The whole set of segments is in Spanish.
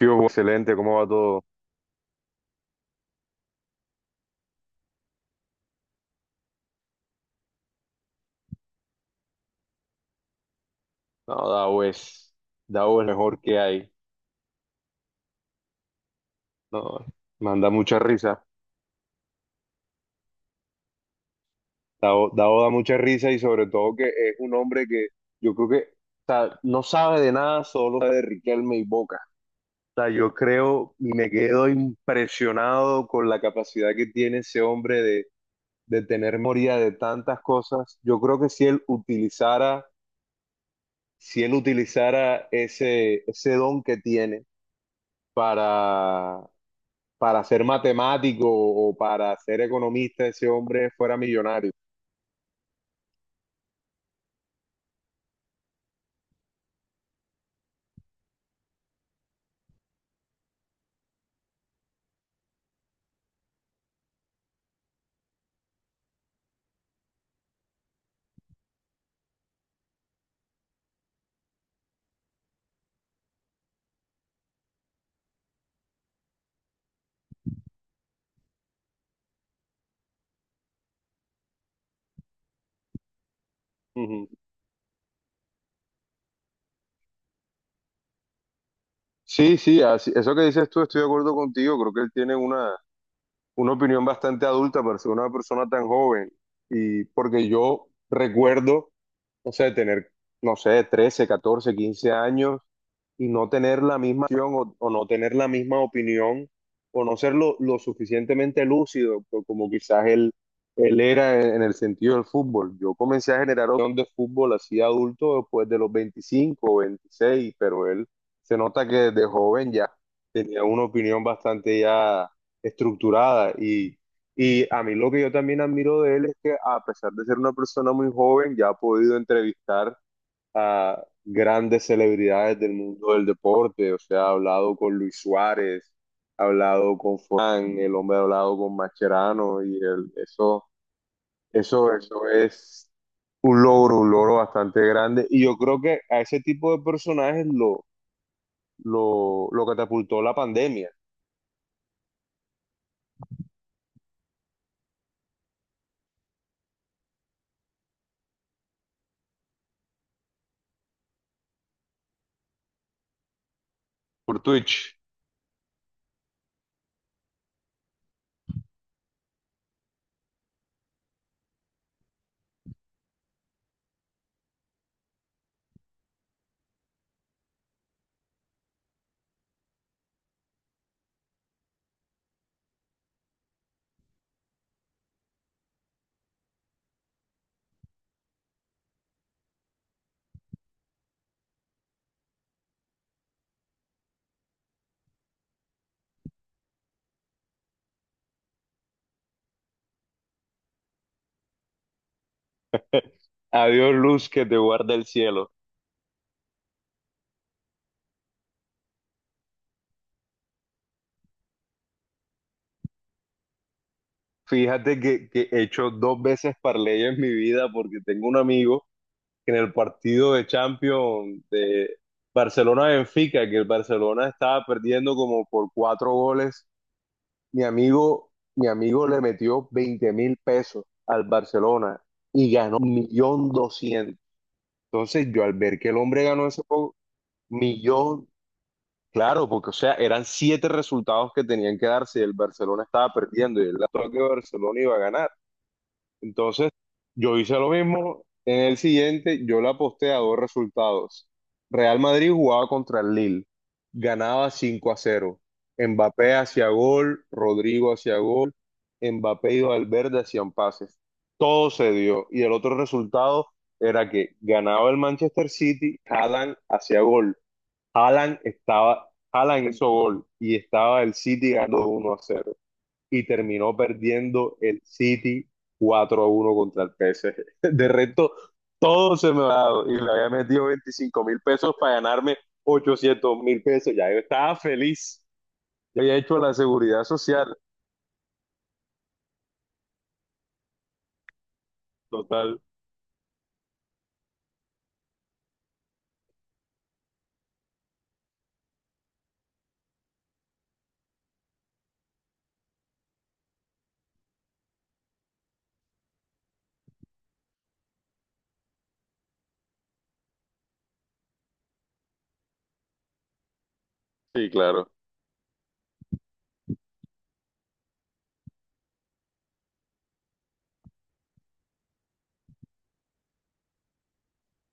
Sí, pues, excelente, ¿cómo va todo? No, Dao es mejor que hay. No, manda mucha risa. Dao da mucha risa y sobre todo que es un hombre que yo creo que, o sea, no sabe de nada, solo sabe de Riquelme y Boca. O sea, yo creo, y me quedo impresionado con la capacidad que tiene ese hombre de, tener memoria de tantas cosas. Yo creo que si él utilizara ese don que tiene para para ser matemático o para ser economista, ese hombre fuera millonario. Ujú. Sí, sí, eso que dices tú, estoy de acuerdo contigo. Creo que él tiene una opinión bastante adulta para ser una persona tan joven. Y porque yo recuerdo, no sé, tener, no sé, 13 14 15 años y no tener la misma acción, o no tener la misma opinión o no ser lo suficientemente lúcido, como quizás él era en, el sentido del fútbol. Yo comencé a generar opinión de fútbol así adulto después de los 25 o 26, pero él se nota que desde joven ya tenía una opinión bastante ya estructurada. Y... Y a mí lo que yo también admiro de él es que, a pesar de ser una persona muy joven, ya ha podido entrevistar a grandes celebridades del mundo del deporte. O sea, ha hablado con Luis Suárez, ha hablado con Forlán, el hombre ha hablado con Mascherano, y eso es un logro bastante grande, y yo creo que a ese tipo de personajes lo catapultó la pandemia por Twitch. Adiós luz que te guarda el cielo. Fíjate que he hecho dos veces parlay en mi vida, porque tengo un amigo que, en el partido de Champions de Barcelona-Benfica, que el Barcelona estaba perdiendo como por cuatro goles, mi amigo, mi amigo le metió 20.000 pesos al Barcelona y ganó 1.200.000. Entonces, yo al ver que el hombre ganó ese poco, millón, claro, porque, o sea, eran siete resultados que tenían que darse, y el Barcelona estaba perdiendo, y él la que Barcelona iba a ganar. Entonces, yo hice lo mismo. En el siguiente, yo le aposté a dos resultados. Real Madrid jugaba contra el Lille. Ganaba 5-0. Mbappé hacía gol, Rodrigo hacía gol, Mbappé y Valverde hacían pases. Todo se dio. Y el otro resultado era que ganaba el Manchester City, Haaland hacía gol. Haaland hizo gol, y estaba el City ganando 1-0, y terminó perdiendo el City 4-1 contra el PSG. De resto, todo se me ha dado. Y le había metido 25.000 pesos para ganarme 800.000 pesos. Ya yo estaba feliz. Yo había hecho la seguridad social. Total. Sí, claro.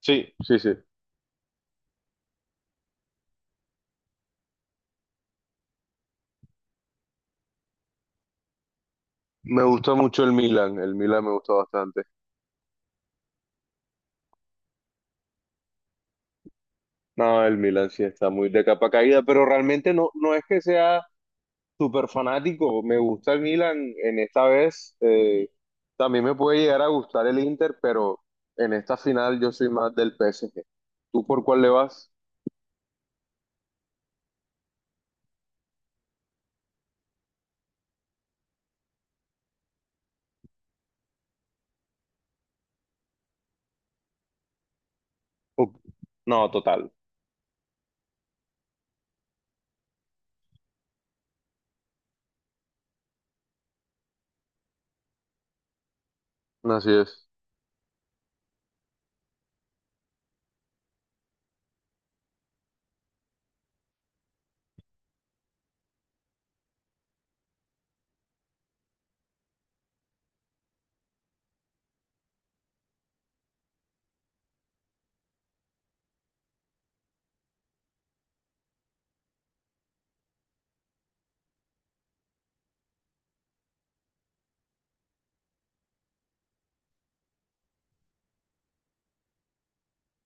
Sí, sí, sí. Me gusta mucho el Milan. El Milan me gusta bastante. No, el Milan sí está muy de capa caída, pero realmente no, no es que sea súper fanático. Me gusta el Milan en esta vez. También me puede llegar a gustar el Inter, pero en esta final yo soy más del PSG. ¿Tú por cuál le vas? Uf, no, total. Así es.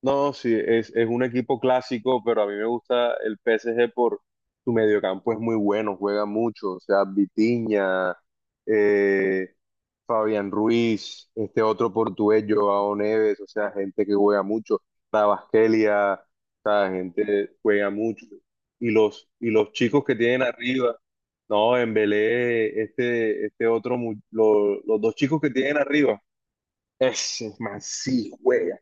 No, sí, es, un equipo clásico, pero a mí me gusta el PSG por su mediocampo, es muy bueno, juega mucho, o sea, Vitinha, eh, Fabián Ruiz, este otro portugués, Joao Neves, o sea, gente que juega mucho, Rabasquelia, o sea, gente que juega mucho, y los chicos que tienen arriba, no, Embelé, este otro, los dos chicos que tienen arriba, ese man sí juega.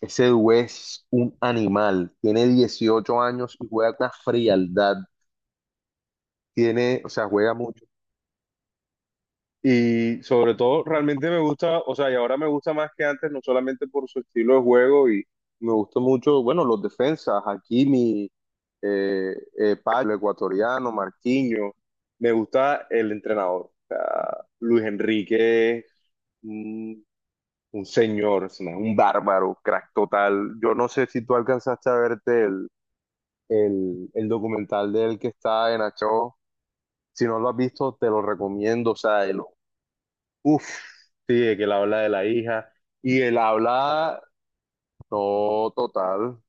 Ese dude es un animal, tiene 18 años y juega con una frialdad, tiene, o sea, juega mucho. Y sobre todo, realmente me gusta, o sea, y ahora me gusta más que antes, no solamente por su estilo de juego, y me gusta mucho, bueno, los defensas, Hakimi, Pablo, ecuatoriano, Marquinhos, me gusta el entrenador, o sea, Luis Enrique, es un, un señor, es un bárbaro, crack total. Yo no sé si tú alcanzaste a verte el documental de él que está en Achó. Si no lo has visto, te lo recomiendo. O sea, uff, sí, de que él habla de la hija y él habla, no, total,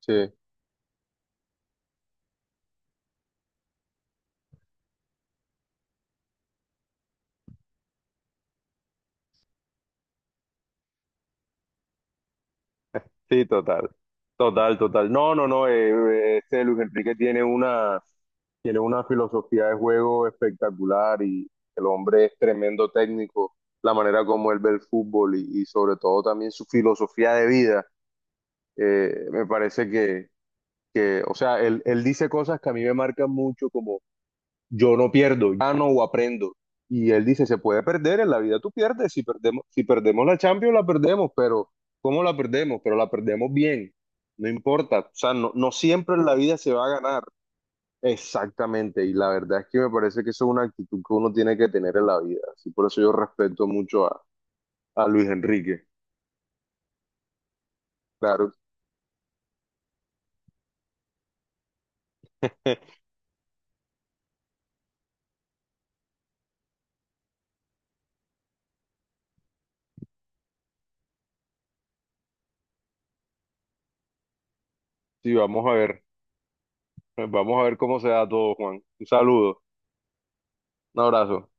sí, sí, total, total, total. No, no, no, este Luis Enrique tiene una filosofía de juego espectacular, y el hombre es tremendo técnico, la manera como él ve el fútbol, y sobre todo también su filosofía de vida. Me parece que, o sea, él dice cosas que a mí me marcan mucho, como, yo no pierdo, gano o aprendo. Y él dice, se puede perder, en la vida tú pierdes, si perdemos la Champions la perdemos, pero ¿cómo la perdemos? Pero la perdemos bien, no importa, o sea, no siempre en la vida se va a ganar. Exactamente, y la verdad es que me parece que eso es una actitud que uno tiene que tener en la vida, así por eso yo respeto mucho a, Luis Enrique, claro. Sí, vamos a ver cómo se da todo, Juan. Un saludo, un abrazo.